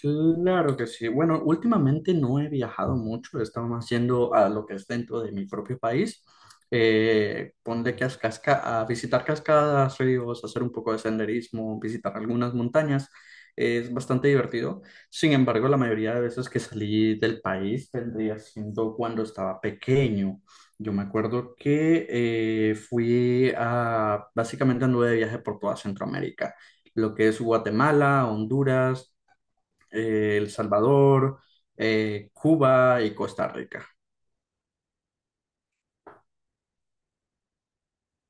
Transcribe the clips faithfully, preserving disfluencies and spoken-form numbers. Claro que sí. Bueno, últimamente no he viajado mucho, he estado más yendo a lo que es dentro de mi propio país. Eh, ponle que a, casca- a visitar cascadas, ríos, hacer un poco de senderismo, visitar algunas montañas. Es bastante divertido. Sin embargo, la mayoría de veces que salí del país vendría siendo cuando estaba pequeño. Yo me acuerdo que eh, fui a, básicamente anduve de viaje por toda Centroamérica, lo que es Guatemala, Honduras, eh, El Salvador, eh, Cuba y Costa Rica.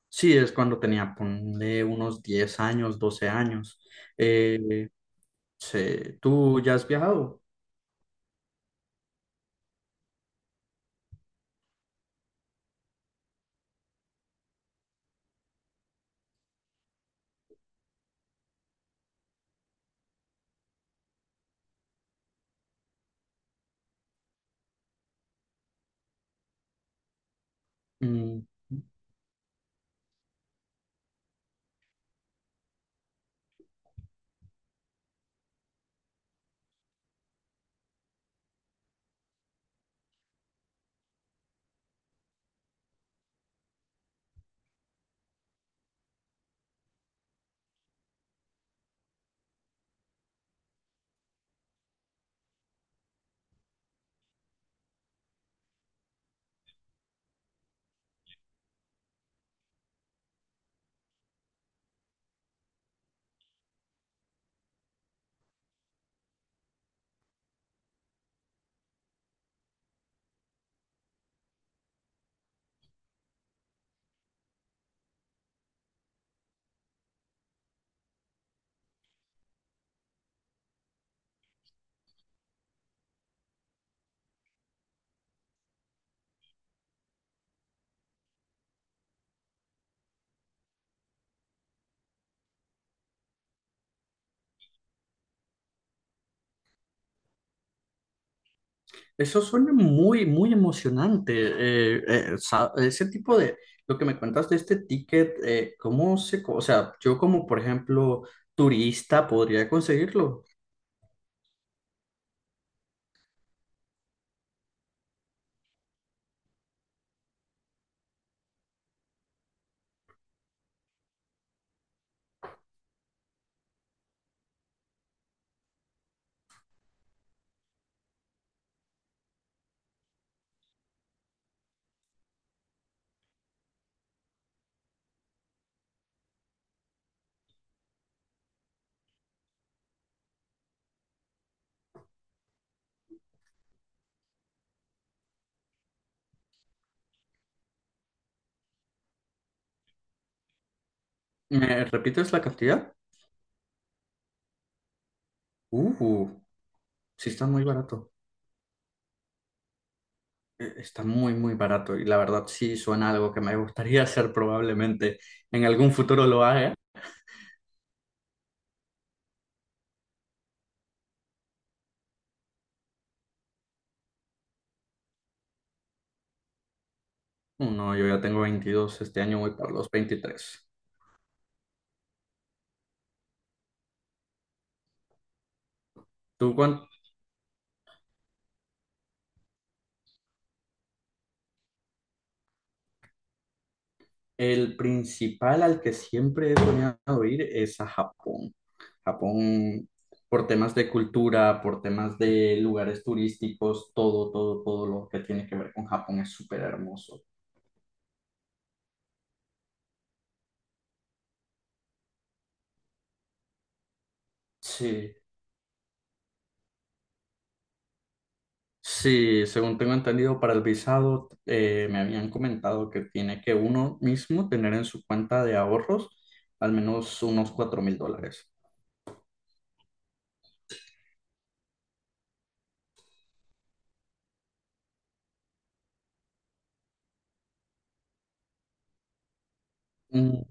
Sí, es cuando tenía, ponle unos diez años, doce años. Eh, sí, ¿tú ya has viajado? Mm, eso suena muy, muy emocionante. Eh, eh, sa- ese tipo de, lo que me cuentas de este ticket, eh, ¿cómo se, co- o sea, yo como, por ejemplo, turista podría conseguirlo? ¿Me repites la cantidad? Uh, sí está muy barato. Eh, Está muy, muy barato y la verdad sí suena algo que me gustaría hacer probablemente en algún futuro lo haga. Oh, no, yo ya tengo veintidós, este año voy para los veintitrés. Tú, Juan, el principal al que siempre he soñado ir es a Japón. Japón, por temas de cultura, por temas de lugares turísticos, todo, todo, todo lo que tiene que ver con Japón es súper hermoso. Sí, sí, según tengo entendido, para el visado eh, me habían comentado que tiene que uno mismo tener en su cuenta de ahorros al menos unos cuatro mil dólares. Mm,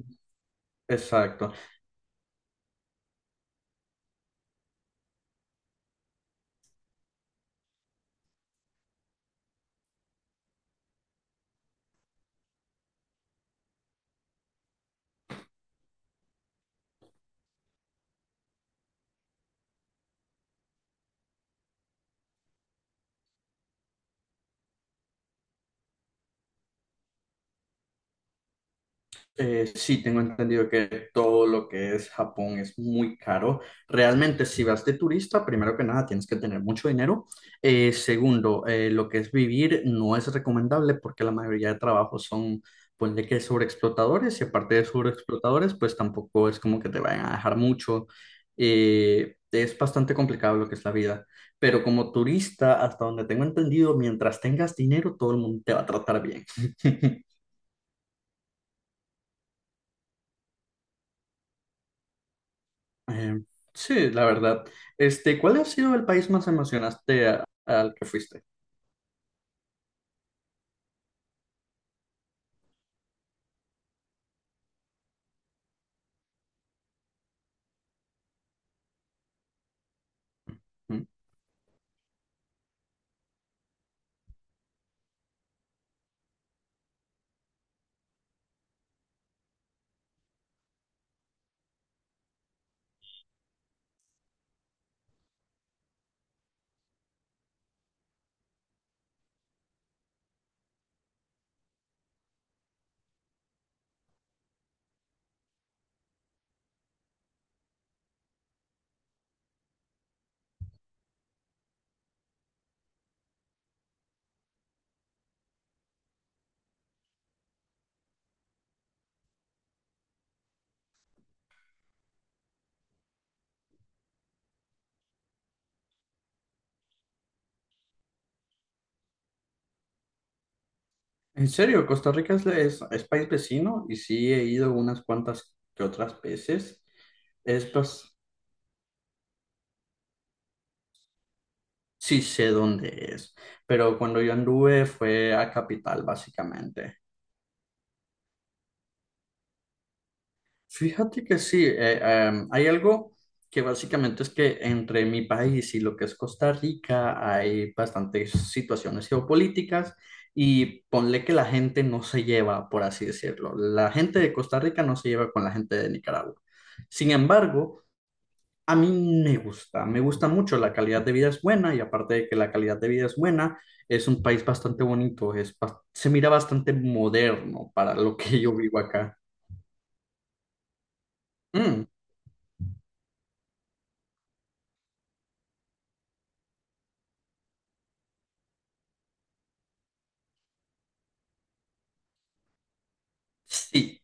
exacto. Eh, sí, tengo entendido que todo lo que es Japón es muy caro. Realmente, si vas de turista, primero que nada, tienes que tener mucho dinero. Eh, segundo, eh, lo que es vivir no es recomendable porque la mayoría de trabajos son, ponle que sobreexplotadores, y aparte de sobreexplotadores, pues tampoco es como que te vayan a dejar mucho. Eh, es bastante complicado lo que es la vida. Pero como turista, hasta donde tengo entendido, mientras tengas dinero, todo el mundo te va a tratar bien. Eh, sí, la verdad. Este, ¿cuál ha sido el país más emocionante a- al que fuiste? ¿Mm? En serio, Costa Rica es, es- es país vecino y sí he ido unas cuantas que otras veces. Es, bas- sí sé dónde es, pero cuando yo anduve fue a Capital, básicamente. Fíjate que sí, eh, em, hay algo que básicamente es que entre mi país y lo que es Costa Rica hay bastantes situaciones geopolíticas y ponle que la gente no se lleva, por así decirlo. La gente de Costa Rica no se lleva con la gente de Nicaragua. Sin embargo, a mí me gusta, me gusta mucho, la calidad de vida es buena y aparte de que la calidad de vida es buena, es un país bastante bonito, es, bas- se mira bastante moderno para lo que yo vivo acá. Mm, sí.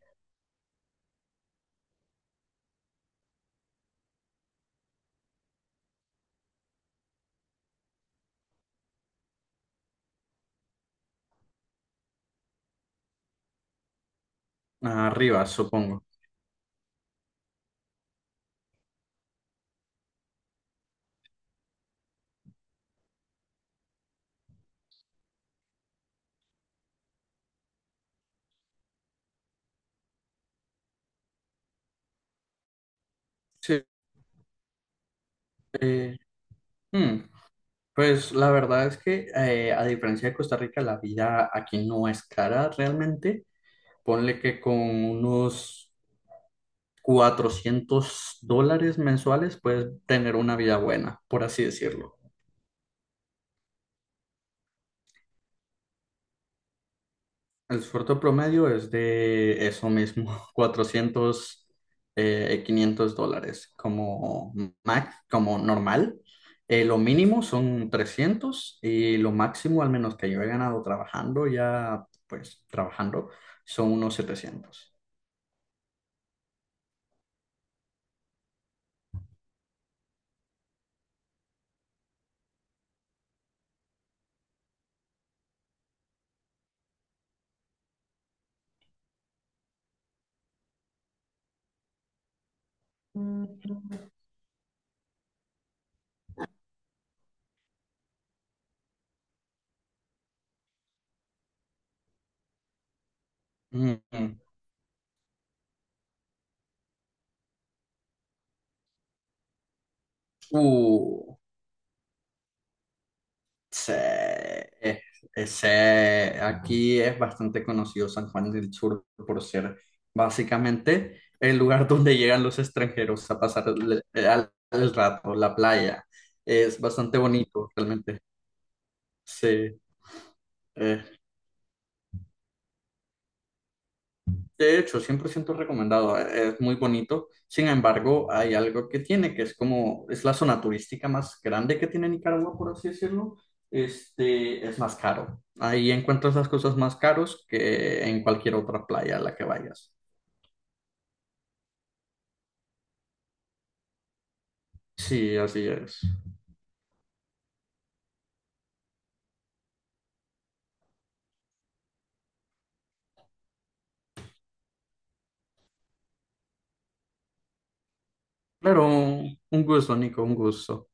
Arriba, supongo. Sí. eh, hmm, Pues la verdad es que eh, a diferencia de Costa Rica, la vida aquí no es cara realmente. Ponle que con unos cuatrocientos dólares mensuales puedes tener una vida buena, por así decirlo. El sueldo promedio es de eso mismo, cuatrocientos eh, quinientos dólares como max, como normal. Eh, lo mínimo son trescientos y lo máximo, al menos que yo he ganado trabajando, ya pues trabajando, son unos setecientos. Mm, mm. Uh, sí, es- ese- aquí es bastante conocido San Juan del Sur por ser básicamente el lugar donde llegan los extranjeros a pasar el, el- el rato, la playa. Es bastante bonito, realmente. Sí, eh, de hecho, cien por ciento recomendado, e- es muy bonito. Sin embargo, hay algo que tiene, que es como, es la zona turística más grande que tiene Nicaragua, por así decirlo. Este, es más caro. Ahí encuentras las cosas más caros que en cualquier otra playa a la que vayas. Sí, así es. Claro, un gusto, Nico, un gusto.